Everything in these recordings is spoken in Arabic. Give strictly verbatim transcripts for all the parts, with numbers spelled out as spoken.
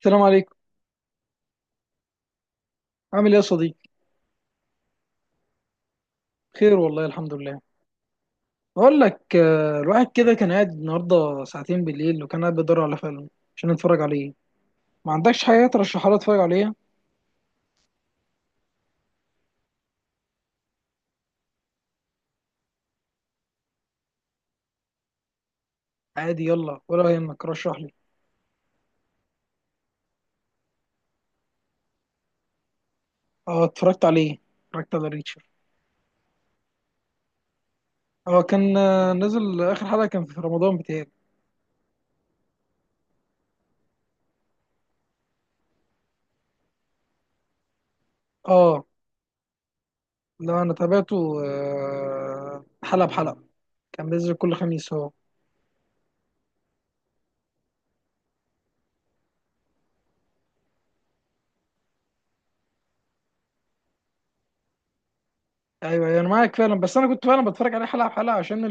السلام عليكم. عامل ايه يا صديقي؟ خير والله، الحمد لله. بقول لك آه، الواحد كده كان قاعد النهارده ساعتين بالليل، وكان قاعد بيدور على فيلم عشان نتفرج عليه. ما عندكش حاجه ترشحها لي اتفرج عليها؟ عادي، يلا، ولا يهمك، رشح لي. اه، اتفرجت عليه، اتفرجت على ريتشر. اه كان، آه، نزل اخر حلقه كان في رمضان بتاعي. اه لا، انا تابعته آه، حلقه بحلقه، كان بينزل كل خميس هو. ايوه أيوة، انا معاك فعلا، بس انا كنت فعلا بتفرج عليه حلقه بحلقه عشان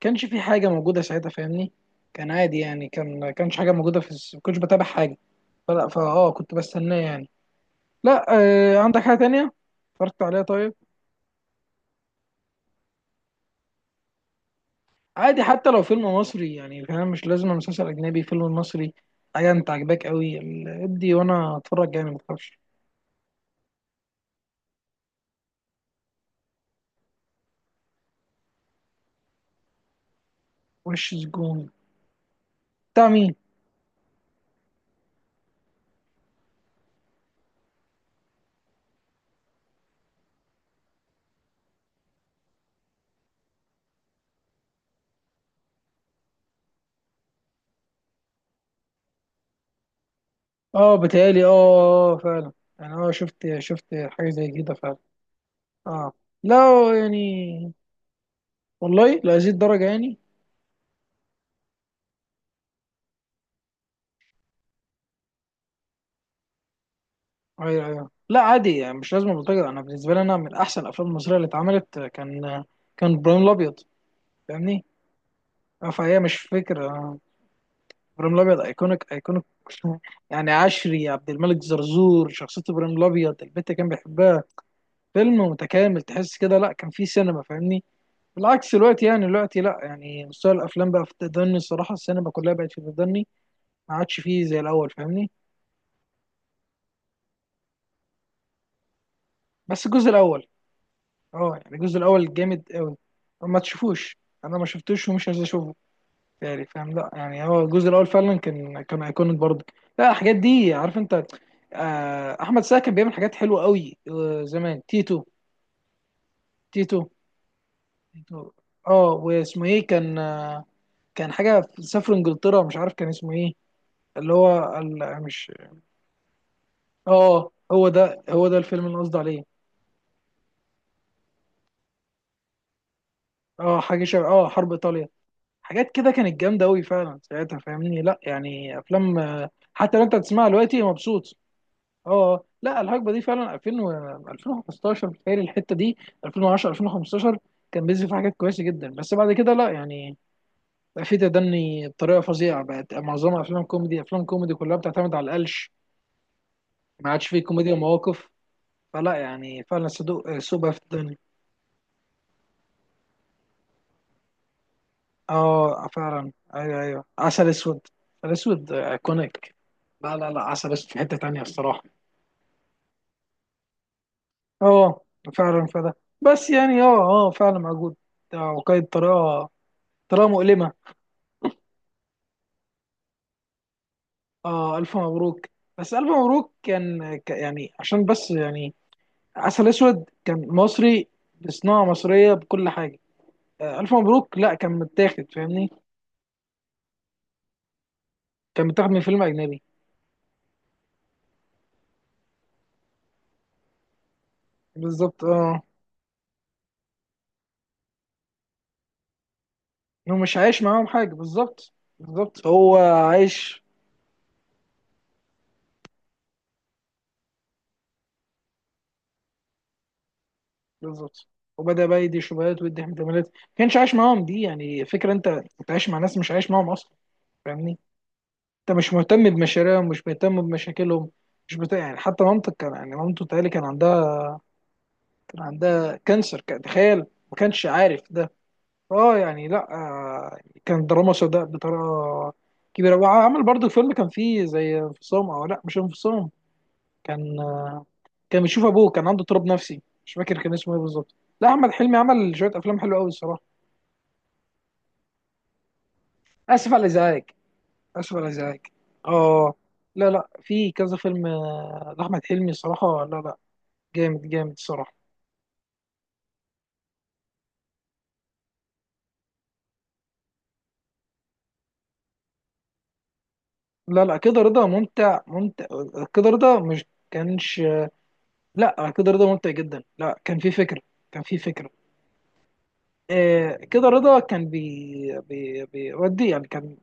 كانش في حاجه موجوده ساعتها، فاهمني؟ كان عادي يعني، كان كانش حاجه موجوده في الس- ما كنتش بتابع حاجه، فلا فاه كنت بستناه يعني. لا. آه، عندك حاجه تانية اتفرجت عليها طيب؟ عادي حتى لو فيلم مصري، يعني فاهم، مش لازم مسلسل اجنبي، فيلم مصري، حاجه انت عاجباك قوي، ال- ادي وانا اتفرج يعني، ما تخافش. وش سجون؟ بتاع مين؟ اه بتهيألي، اه، آه، آه، فعلا. يعني اه، شفت شفت حاجه زي كده فعلا. اه لا يعني، والله لهذه الدرجه يعني؟ ايوه ايوه، لا عادي يعني، مش لازم بلطجة. انا بالنسبه لي، انا من احسن الافلام المصريه اللي اتعملت كان كان ابراهيم الابيض، فاهمني؟ آه، فهي مش فكره، آه، ابراهيم الابيض ايكونيك ايكونيك. يعني عشري، عبد الملك، زرزور، شخصيه ابراهيم الابيض، البت كان بيحبها. فيلم متكامل، تحس كده لا كان فيه سينما، فاهمني؟ بالعكس دلوقتي، يعني دلوقتي لا، يعني مستوى الافلام بقى في التدني الصراحه، السينما كلها بقت في التدني. ما عادش فيه زي الاول، فاهمني؟ بس الجزء الاول. اه يعني الجزء الاول جامد قوي، ما تشوفوش، انا ما شفتوش ومش عايز اشوفه. يعني فاهم، لا يعني هو الجزء الاول فعلا كان، كان ايكونيك برضه. لا الحاجات دي عارف انت، آه، احمد سعد كان بيعمل حاجات حلوه قوي، آه، زمان تيتو، تيتو، تيتو. اه، واسمه ايه كان، آه، كان حاجه في- سافر انجلترا، مش عارف كان اسمه ايه، اللي هو ال- مش. اه هو ده، هو ده الفيلم اللي قصدي عليه. اه حاجه شبه، اه حرب ايطاليا. حاجات كده كانت جامده قوي فعلا ساعتها، فاهمني؟ لا يعني افلام، حتى لو انت بتسمعها دلوقتي مبسوط. اه، آه. لا الحقبه دي فعلا ألفين و ألفين وخمستاشر، بتهيألي الحته دي ألفين وعشرة، ألفين وخمستاشر. كان بينزل فيها حاجات كويسه جدا، بس بعد كده لا يعني، بقى في تدني بطريقه فظيعه، بقت معظمها افلام كوميدي، افلام كوميدي كلها بتعتمد على القلش، ما عادش فيه كوميديا مواقف. فلا يعني فعلا صدق سوء بقى في الدنيا. اه فعلا، ايوه ايوه، عسل اسود، عسل اسود آه، ايكونيك. لا لا لا، عسل اسود في حته تانيه الصراحه. اه فعلا فعلا. بس يعني اه اه فعلا موجود، ده وقايد طريقه، طريقه مؤلمه. اه الف مبروك. بس الف مبروك كان ك- يعني عشان، بس يعني عسل اسود كان مصري بصناعه مصريه بكل حاجه، آه. الف مبروك لا كان متاخد، فاهمني؟ كان متاخد من فيلم اجنبي. بالظبط، اه. هو مش عايش معاهم حاجه بالظبط، بالظبط، هو عايش. بالظبط، وبدا بقى يدي شبهات ويدي احتمالات، ما كانش عايش معاهم، دي يعني فكره، انت انت عايش مع ناس مش عايش معاهم اصلا، فاهمني؟ انت مش مهتم بمشاريعهم، مش مهتم بمشاكلهم، مش بتاع يعني، حتى مامتك كان يعني مامته تقالي كان عندها، كان عندها كانسر، كان، تخيل، ما كانش عارف ده. اه يعني لا، آه، يعني كان دراما سوداء بطريقه كبيره. وعمل برضه فيلم كان فيه زي انفصام، او لا مش انفصام، كان، كان بيشوف ابوه، كان عنده اضطراب نفسي، مش فاكر كان اسمه ايه بالظبط. لا احمد حلمي عمل شويه افلام حلوه قوي الصراحه. اسف على الازعاج، اسف على الازعاج. اه. لا لا، في كذا فيلم آه، لاحمد حلمي صراحه، لا لا، جامد جامد الصراحه. لا لا، كده رضا ممتع ممتع. كده رضا مش كانش، لا كده رضا ممتع جدا، لا كان في فكره، كان في فكره. آه، كده رضا كان بي بي بيودي يعني، كان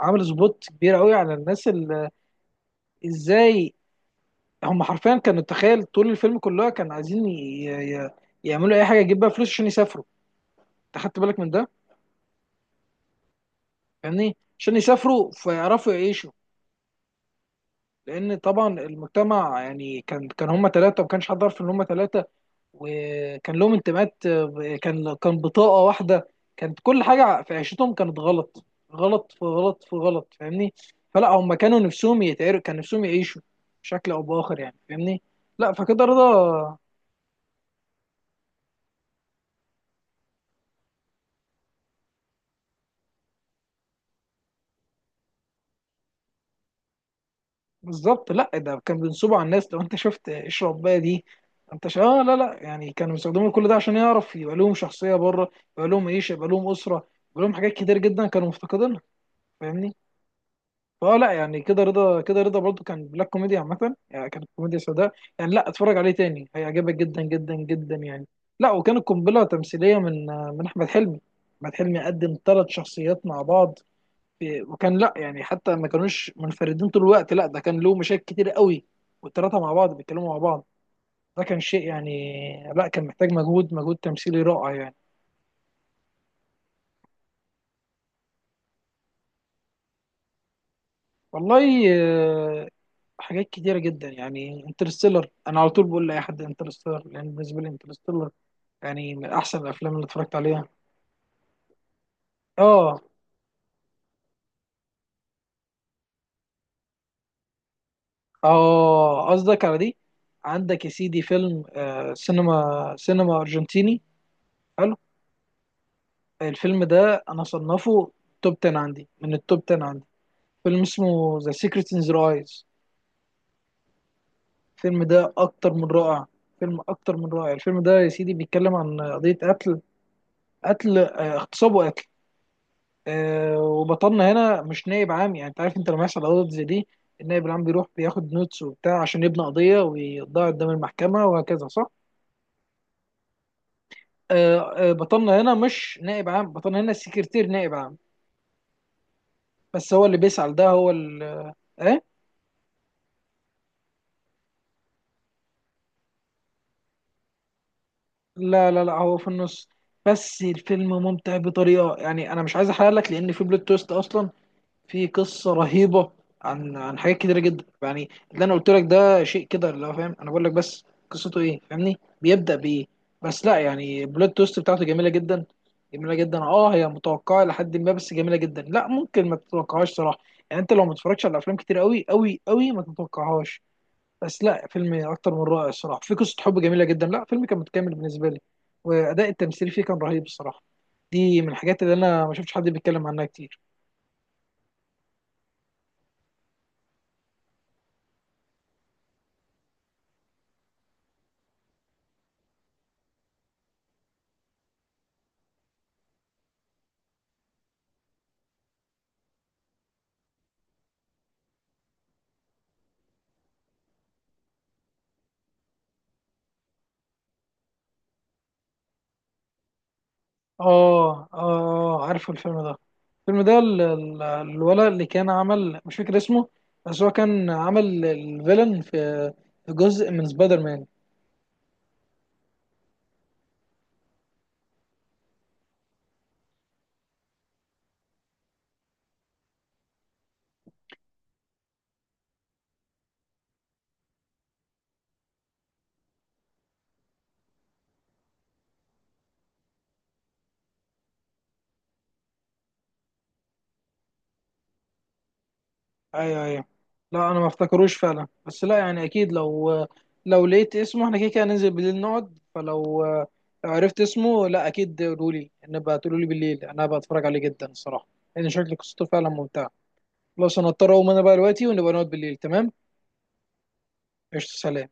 عامل سبوت كبير قوي على الناس اللي، ازاي، هم حرفيا كانوا، تخيل طول الفيلم كلها كانوا عايزين ي- ي- يعملوا اي حاجه يجيب بيها فلوس عشان يسافروا. انت خدت بالك من ده؟ يعني عشان يسافروا، فيعرفوا يعيشوا. لان طبعا المجتمع يعني كان كان هم ثلاثه وما كانش حد عارف ان هم ثلاثه، وكان لهم انتماءات، آه، كان كان بطاقه واحده، كانت كل حاجه في عيشتهم كانت غلط، غلط في غلط في غلط، فاهمني؟ فلا هم كانوا نفسهم يتعرف، كان نفسهم يعيشوا بشكل او باخر، يعني فاهمني. لا فكده رضا، بالظبط. لا ده كان بينصبوا على الناس، لو انت شفت اشرب بقى دي، انت شا... آه لا لا، يعني كانوا بيستخدموا كل ده عشان يعرف يبقى لهم شخصيه بره، يبقى لهم عيشه، يبقى لهم اسره، يبقى لهم حاجات كتير جدا كانوا مفتقدينها، فاهمني؟ فهو لا يعني، كده رضا، كده رضا برضو كان بلاك كوميديا عامة، يعني كانت كوميديا سوداء، يعني لا اتفرج عليه تاني هيعجبك جدا جدا جدا يعني. لا وكانت قنبلة تمثيلية من، من أحمد حلمي. أحمد حلمي قدم ثلاث شخصيات مع بعض، في- وكان لا يعني حتى ما كانوش منفردين طول الوقت، لا ده كان له مشاكل كتير قوي، والثلاثة مع بعض بيتكلموا مع بعض، ده كان شيء يعني، لا كان محتاج مجهود، مجهود تمثيلي رائع يعني. والله، آه، حاجات كتيرة جدا، يعني انترستيلر، انا على طول بقول لاي حد انترستيلر، لان بالنسبة لي انترستيلر يعني من احسن الافلام اللي اتفرجت عليها. اه اه، قصدك على دي. عندك يا سيدي فيلم، آه، سينما، سينما ارجنتيني، حلو. الفيلم ده انا صنفه توب عشرة عندي، من التوب عشرة عندي، فيلم اسمه ذا سيكريت ان ذا ايز. الفيلم ده اكتر من رائع، فيلم اكتر من رائع. الفيلم ده يا سيدي بيتكلم عن قضية قتل، قتل، آه، اغتصاب وقتل. آه، وبطلنا هنا مش نائب عام، يعني انت عارف، انت لما يحصل قضايا زي دي، النائب العام بيروح بياخد نوتس وبتاع عشان يبني قضيه ويضاع قدام المحكمه، وهكذا، صح؟ آه آه بطلنا هنا مش نائب عام، بطلنا هنا السكرتير نائب عام، بس هو اللي بيسأل، ده هو ال، ايه؟ لا لا لا، هو في النص. بس الفيلم ممتع بطريقه، يعني انا مش عايز احرق لك، لان في بلوت تويست اصلا، في قصه رهيبه عن، عن حاجات كتيره جدا يعني. اللي انا قلت لك ده شيء كده، اللي هو فاهم انا بقول لك بس قصته ايه، فاهمني؟ بيبدا بايه؟ بس لا يعني البلوت تويست بتاعته جميله جدا، جميله جدا. اه هي متوقعه لحد ما، بس جميله جدا، لا ممكن ما تتوقعهاش صراحه، يعني انت لو ما تتفرجش على افلام كتير قوي قوي قوي ما تتوقعهاش. بس لا، فيلم اكتر من رائع الصراحه، في قصه حب جميله جدا، لا فيلم كان متكامل بالنسبه لي، واداء التمثيل فيه كان رهيب الصراحه. دي من الحاجات اللي انا ما شفتش حد بيتكلم عنها كتير. اه اه، آه، عارفه الفيلم ده. الفيلم ده ال- ال- الولد اللي كان عمل، مش فاكر اسمه، بس هو كان عمل الفيلن في، في جزء من سبايدر مان. ايوه ايوه. لا انا ما افتكروش فعلا، بس لا يعني اكيد لو، لو لقيت اسمه احنا كده كده هننزل بالليل نقعد، فلو لو عرفت اسمه، لا اكيد قولولي، نبقى تقولولي بالليل انا بتفرج عليه جدا الصراحه، لان شكل قصته فعلا ممتعه. خلاص انا هضطر اقوم انا بقى دلوقتي، ونبقى نقعد بالليل، تمام. قشطة، سلام.